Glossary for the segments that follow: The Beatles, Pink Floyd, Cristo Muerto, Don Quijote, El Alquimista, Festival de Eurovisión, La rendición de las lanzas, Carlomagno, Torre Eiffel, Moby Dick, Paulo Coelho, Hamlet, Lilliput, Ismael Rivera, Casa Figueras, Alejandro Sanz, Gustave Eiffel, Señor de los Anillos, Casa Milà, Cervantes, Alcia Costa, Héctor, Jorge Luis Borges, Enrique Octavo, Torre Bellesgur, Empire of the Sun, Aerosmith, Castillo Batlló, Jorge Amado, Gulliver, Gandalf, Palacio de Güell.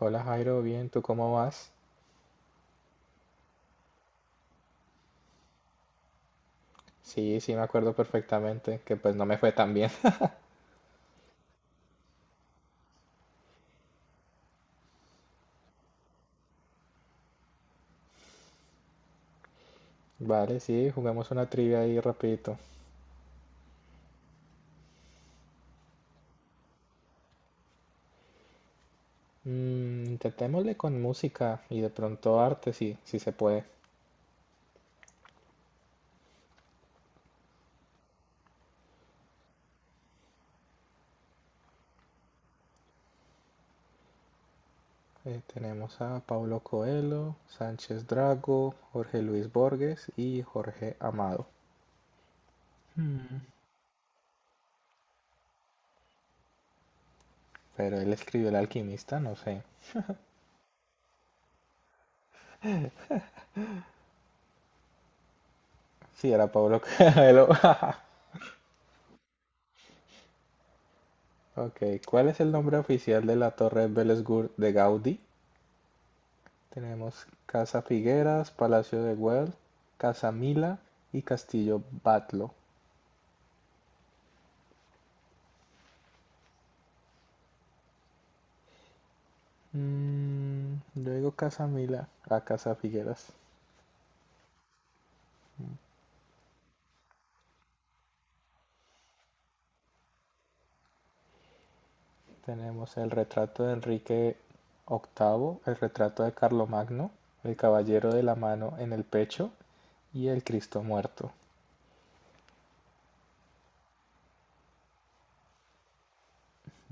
Hola Jairo, bien, ¿tú cómo vas? Sí, sí, me acuerdo perfectamente, que pues no me fue tan bien. Vale, sí, juguemos una trivia ahí rapidito. Intentémosle con música y de pronto arte, sí, sí se puede. Tenemos a Paulo Coelho, Sánchez Drago, Jorge Luis Borges y Jorge Amado. Pero él escribió El Alquimista, no sé. Sí, era Paulo Coelho. Ok, ¿cuál es el nombre oficial de la Torre Bellesgur de Gaudí? Tenemos Casa Figueras, Palacio de Güell, Casa Mila y Castillo Batlo. Yo digo Casa Mila a Casa Figueras. Tenemos el retrato de Enrique octavo, el retrato de Carlomagno, el Caballero de la Mano en el Pecho y el Cristo Muerto.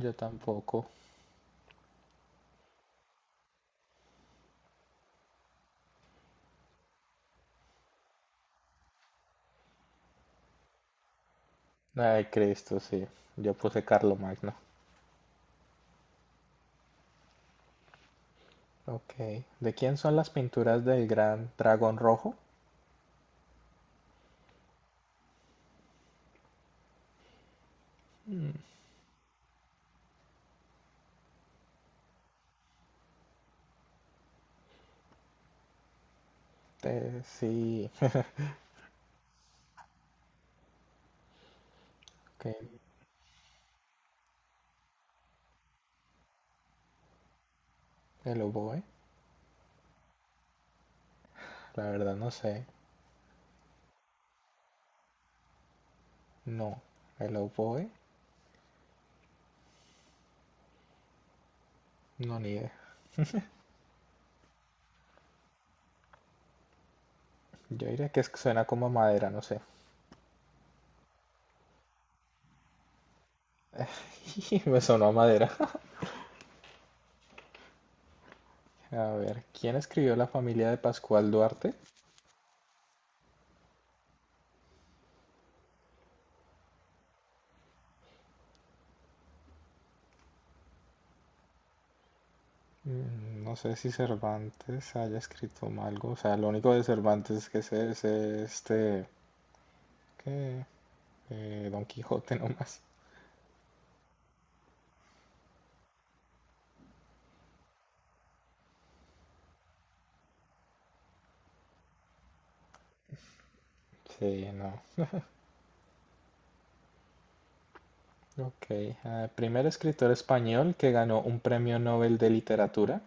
Yo tampoco. Ay, Cristo, sí. Yo puse Carlomagno. Ok. ¿De quién son las pinturas del gran dragón rojo? Sí. Ok. El oboe. La verdad no sé. No. El oboe, no, ni idea. Yo diría que suena como a madera, no sé. Me sonó a madera. A ver, ¿quién escribió La familia de Pascual Duarte? No sé si Cervantes haya escrito algo. O sea, lo único de Cervantes que sé es este... ¿Qué? Don Quijote nomás. Sí, no. Ok. Ah, primer escritor español que ganó un premio Nobel de literatura.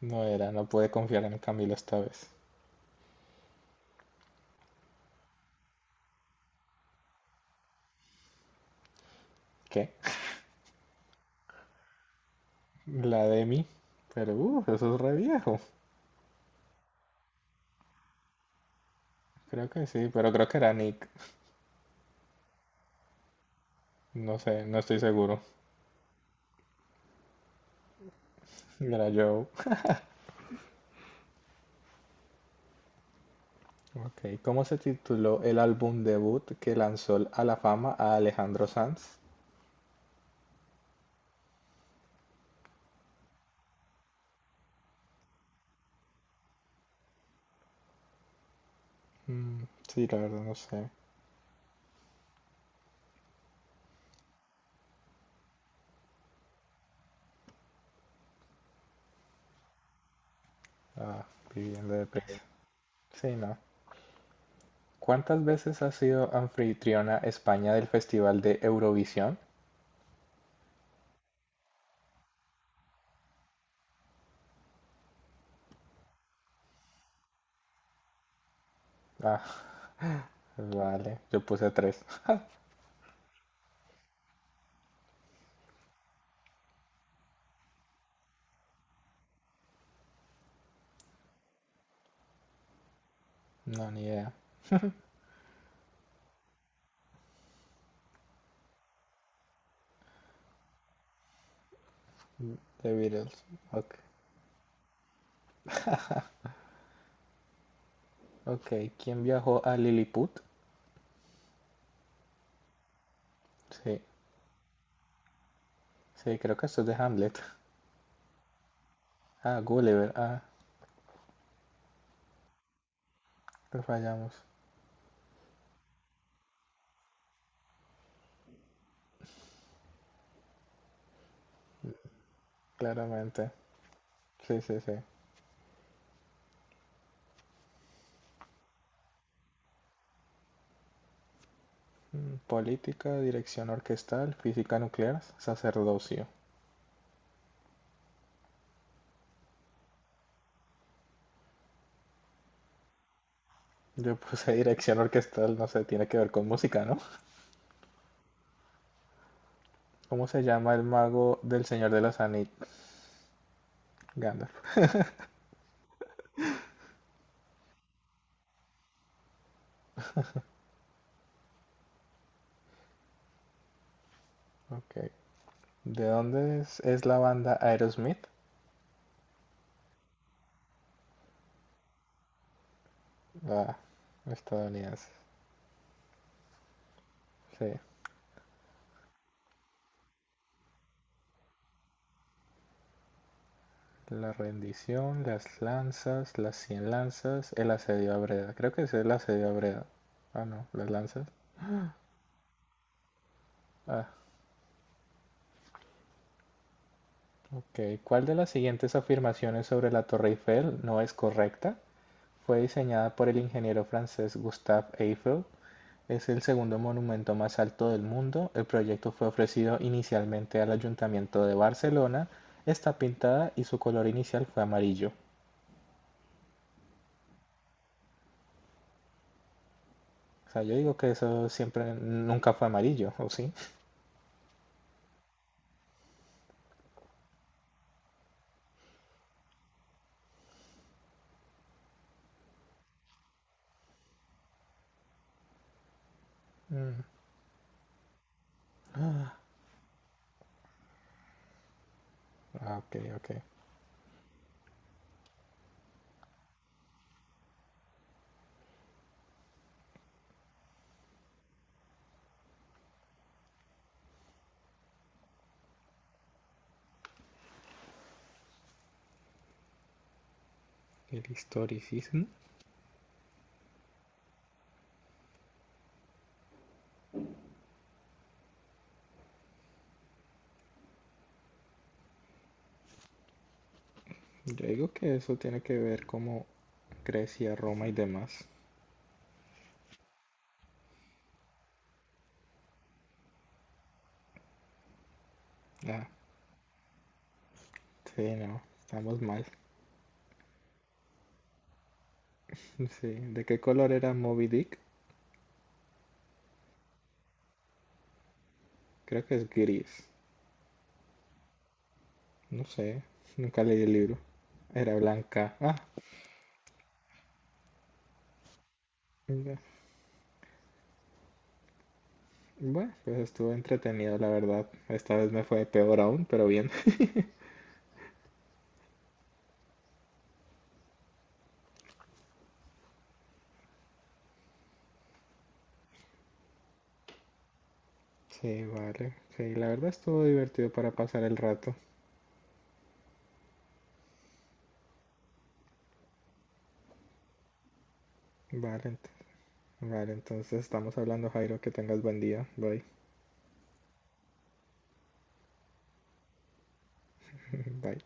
No era, no pude confiar en Camilo esta vez. ¿Qué? La demi. Pero, eso es re viejo. Creo que sí, pero creo que era Nick. No sé, no estoy seguro. Era Joe. Ok, ¿cómo se tituló el álbum debut que lanzó a la fama a Alejandro Sanz? Mm, sí, la verdad no sé. Ah, viviendo de pez. Sí, no. ¿Cuántas veces ha sido anfitriona España del Festival de Eurovisión? Ah, vale, yo puse 3. No, ni idea. The Beatles. Ok. Ok, ¿quién viajó a Lilliput? Sí. Sí, creo que esto es de Hamlet. Ah, Gulliver. Lo fallamos, claramente. Sí, sí, sí. Política, dirección orquestal, física nuclear, sacerdocio. Yo puse dirección orquestal, no sé, tiene que ver con música, ¿no? ¿Cómo se llama el mago del Señor de los Anillos? Gandalf. Ok. ¿De dónde es la banda Aerosmith? Ah, estadounidense. Sí. La rendición, las lanzas, las cien lanzas, el asedio a Breda. Creo que es el asedio a Breda. Ah, no, las lanzas. Ah, ok. ¿Cuál de las siguientes afirmaciones sobre la Torre Eiffel no es correcta? Fue diseñada por el ingeniero francés Gustave Eiffel. Es el segundo monumento más alto del mundo. El proyecto fue ofrecido inicialmente al Ayuntamiento de Barcelona. Está pintada y su color inicial fue amarillo. O sea, yo digo que eso siempre nunca fue amarillo, ¿o sí? Mm, Ah, ok, ok. El historicismo. Yo digo que eso tiene que ver como Grecia, Roma y demás. Ah, sí, no, estamos mal. Sí. ¿De qué color era Moby Dick? Creo que es gris. No sé, nunca leí el libro. Era blanca. Ah, ya. Bueno, pues estuvo entretenido, la verdad. Esta vez me fue peor aún, pero bien. Sí, vale. Sí, la verdad estuvo divertido para pasar el rato. Vale, ent- vale, entonces estamos hablando, Jairo, que tengas buen día. Bye. Bye.